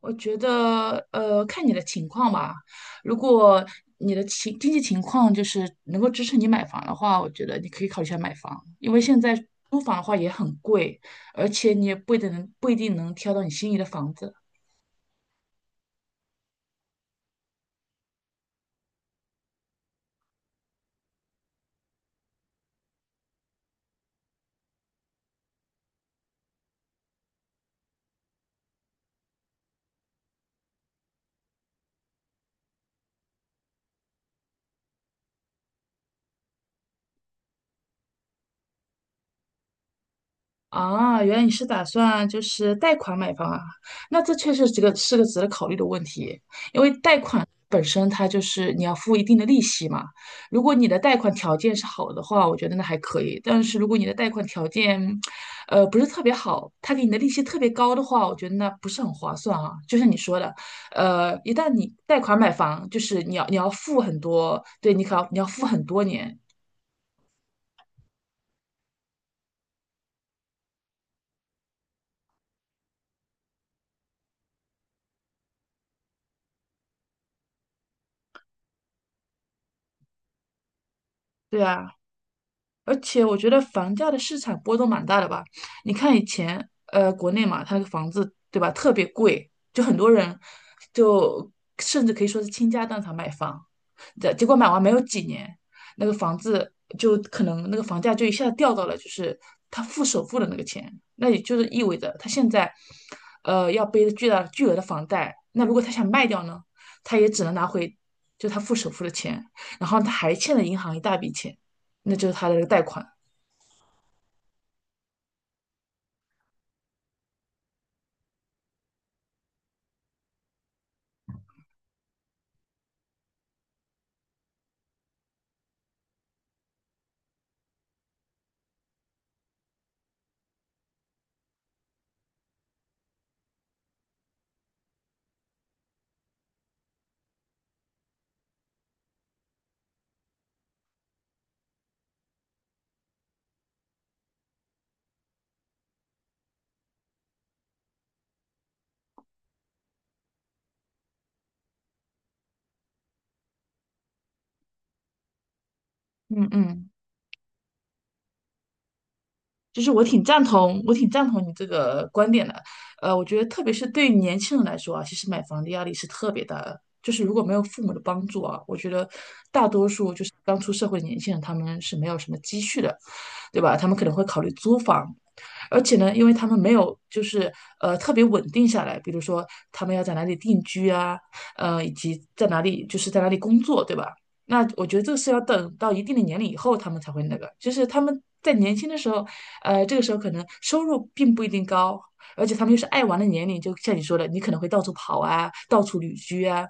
我觉得，看你的情况吧。如果你的情经济情况就是能够支持你买房的话，我觉得你可以考虑一下买房，因为现在租房的话也很贵，而且你也不一定能挑到你心仪的房子。啊，原来你是打算就是贷款买房啊？那这确实这个是个值得考虑的问题。本身它就是你要付一定的利息嘛。如果你的贷款条件是好的话，我觉得那还可以。但是如果你的贷款条件，不是特别好，他给你的利息特别高的话，我觉得那不是很划算啊。就像你说的，一旦你贷款买房，就是你要付很多，对你要付很多年，对啊。而且我觉得房价的市场波动蛮大的吧。你看以前，国内嘛，它那个房子，对吧，特别贵，就很多人就甚至可以说是倾家荡产买房，结果买完没有几年，那个房子就可能那个房价就一下子掉到了就是他付首付的那个钱，那也就是意味着他现在，要背着巨额的房贷。那如果他想卖掉呢，他也只能拿回就他付首付的钱，然后他还欠了银行一大笔钱。那就是他的这个贷款。嗯嗯。就是我挺赞同你这个观点的。我觉得特别是对于年轻人来说啊，其实买房的压力是特别大的。就是如果没有父母的帮助啊，我觉得大多数就是刚出社会的年轻人，他们是没有什么积蓄的，对吧？他们可能会考虑租房，而且呢，因为他们没有就是特别稳定下来，比如说他们要在哪里定居啊，以及在哪里工作，对吧？那我觉得这个是要等到一定的年龄以后，他们才会那个，就是他们在年轻的时候，这个时候可能收入并不一定高，而且他们又是爱玩的年龄，就像你说的，你可能会到处跑啊，到处旅居啊。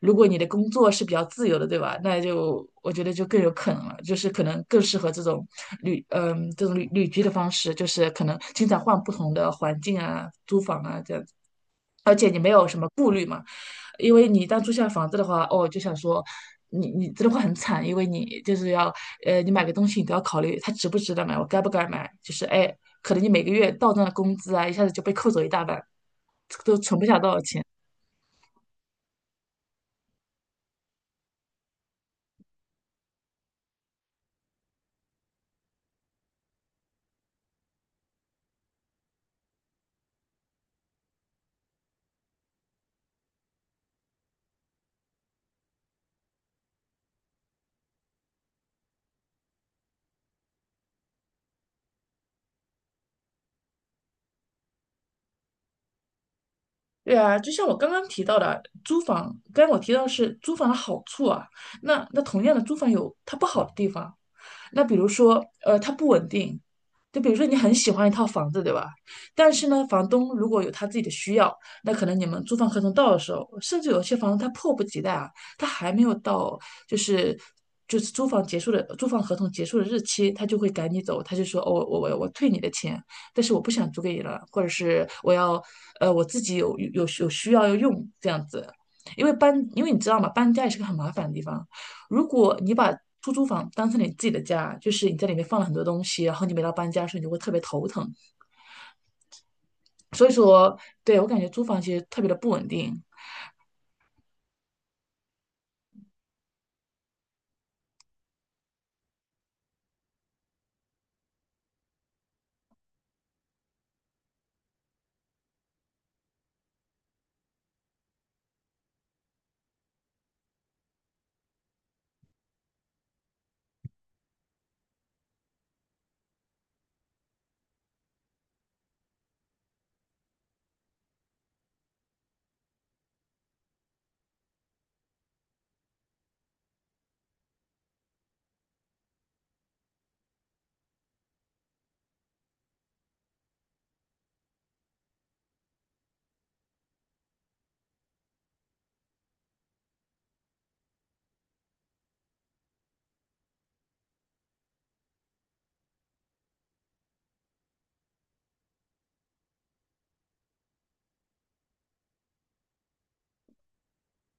如果你的工作是比较自由的，对吧？那就我觉得就更有可能了，就是可能更适合这种这种旅居的方式，就是可能经常换不同的环境啊，租房啊这样子。而且你没有什么顾虑嘛，因为你一旦租下房子的话，哦，就想说，你真的会很惨，因为你就是要，你买个东西你都要考虑它值不值得买，我该不该买，就是哎，可能你每个月到账的工资啊，一下子就被扣走一大半，都存不下多少钱。对啊，就像我刚刚提到的，租房，刚刚我提到的是租房的好处啊，那同样的，租房有它不好的地方，那比如说，它不稳定，就比如说你很喜欢一套房子，对吧？但是呢，房东如果有他自己的需要，那可能你们租房合同到的时候，甚至有些房东他迫不及待啊，他还没有到就是租房结束的租房合同结束的日期，他就会赶你走，他就说哦我退你的钱，但是我不想租给你了，或者是我要我自己有需要要用这样子，因为因为你知道嘛，搬家也是个很麻烦的地方，如果你把出租房当成你自己的家，就是你在里面放了很多东西，然后你每到搬家的时候，你就会特别头疼。所以说，对，我感觉租房其实特别的不稳定。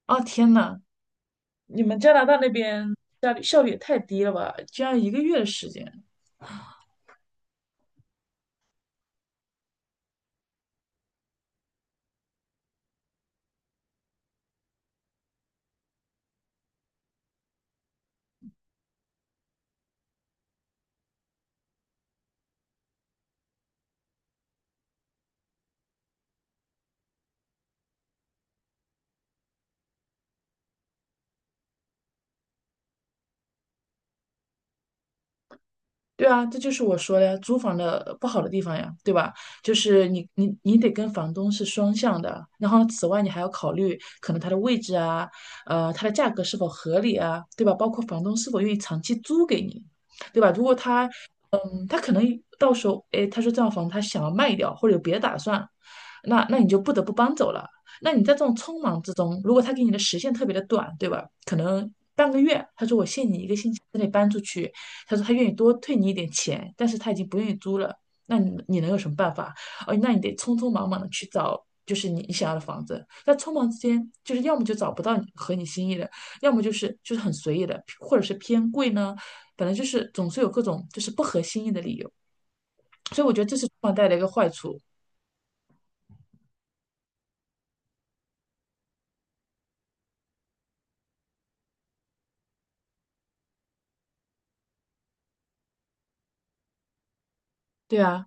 啊，天呐，你们加拿大那边效率也太低了吧？居然一个月的时间。对啊，这就是我说的呀，租房的不好的地方呀，对吧？就是你得跟房东是双向的，然后此外你还要考虑可能它的位置啊，它的价格是否合理啊，对吧？包括房东是否愿意长期租给你，对吧？如果他嗯他可能到时候，哎，他说这套房他想要卖掉，或者有别的打算，那你就不得不搬走了。那你在这种匆忙之中，如果他给你的时限特别的短，对吧？可能半个月，他说我限你一个星期之内搬出去，他说他愿意多退你一点钱，但是他已经不愿意租了，那你能有什么办法？哦，那你得匆匆忙忙的去找，就是你想要的房子。在匆忙之间，就是要么就找不到你合你心意的，要么就是很随意的，或者是偏贵呢。本来就是总是有各种就是不合心意的理由，所以我觉得这是放房贷的一个坏处。对啊，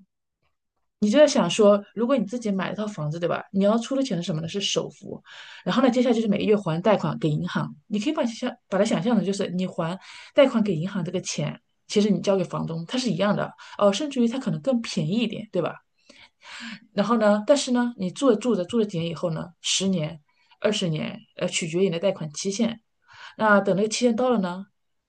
你就在想说，如果你自己买了套房子，对吧？你要出的钱是什么呢？是首付，然后呢，接下来就是每个月还贷款给银行。你可以把想象成就是你还贷款给银行这个钱，其实你交给房东，它是一样的哦，甚至于它可能更便宜一点，对吧？然后呢，但是呢，你住了几年以后呢，十年、二十年，取决于你的贷款期限。那等那个期限到了呢，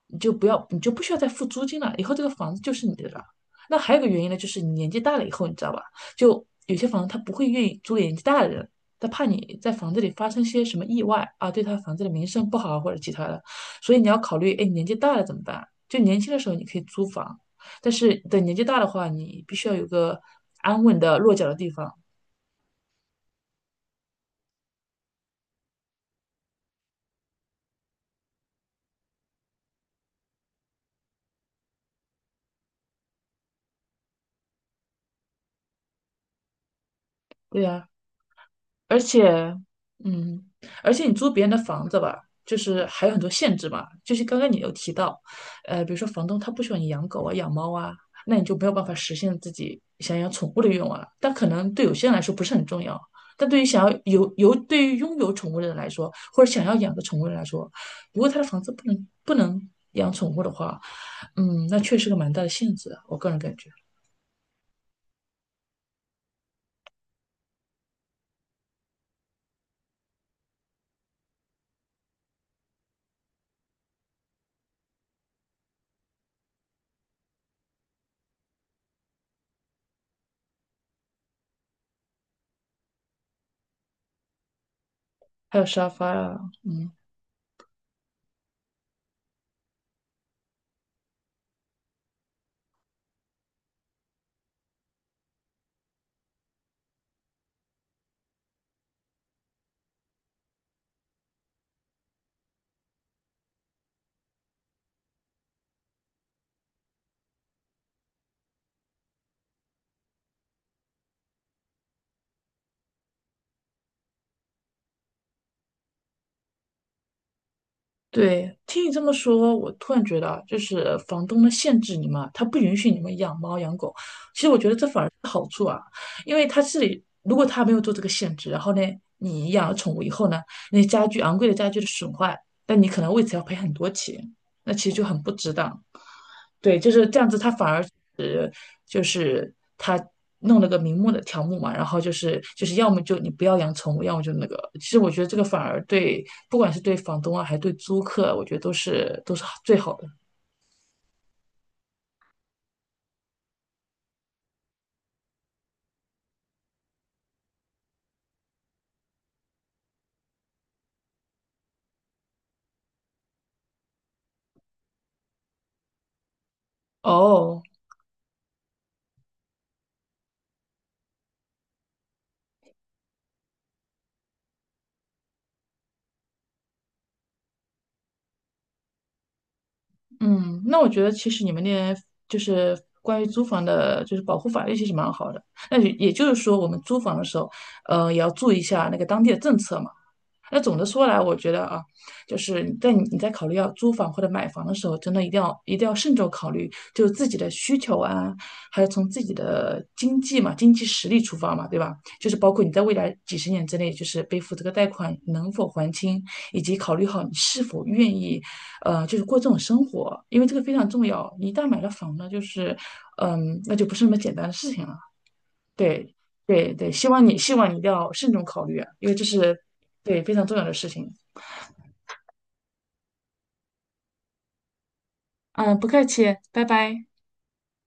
你就不需要再付租金了，以后这个房子就是你的了。那还有一个原因呢，就是你年纪大了以后，你知道吧？就有些房子他不会愿意租给年纪大的人，他怕你在房子里发生些什么意外啊，对他房子的名声不好或者其他的，所以你要考虑，哎，你年纪大了怎么办？就年轻的时候你可以租房，但是等年纪大的话，你必须要有个安稳的落脚的地方。对呀、而且，嗯，而且你租别人的房子吧，就是还有很多限制嘛。就是刚刚你有提到，比如说房东他不喜欢你养狗啊、养猫啊，那你就没有办法实现自己想养宠物的愿望了。但可能对有些人来说不是很重要，但对于想要有有对于拥有宠物的人来说，或者想要养个宠物的人来说，如果他的房子不能养宠物的话，嗯，那确实个蛮大的限制啊我个人感觉。还有沙发啊，嗯。对，听你这么说，我突然觉得啊，就是房东呢限制你们，他不允许你们养猫养狗。其实我觉得这反而是好处啊，因为他是如果他没有做这个限制，然后呢，你养了宠物以后呢，那些家具昂贵的家具的损坏，但你可能为此要赔很多钱。那其实就很不值当。对，就是这样子，他反而是就是他弄了个明目的条目嘛，然后就是要么就你不要养宠物，要么就那个。其实我觉得这个反而对，不管是对房东啊，还是对租客，我觉得都是最好的。哦，嗯，那我觉得其实你们那边就是关于租房的，就是保护法律其实蛮好的。那也就是说，我们租房的时候，也要注意一下那个当地的政策嘛。那总的说来，我觉得啊，就是在在考虑要租房或者买房的时候，真的一定要慎重考虑，就是自己的需求啊，还有从自己的经济实力出发嘛，对吧？就是包括你在未来几十年之内，就是背负这个贷款能否还清，以及考虑好你是否愿意，就是过这种生活，因为这个非常重要。你一旦买了房呢，就是，嗯，那就不是那么简单的事情了。对对，希望你一定要慎重考虑啊，因为这是对非常重要的事情。嗯，不客气，拜拜。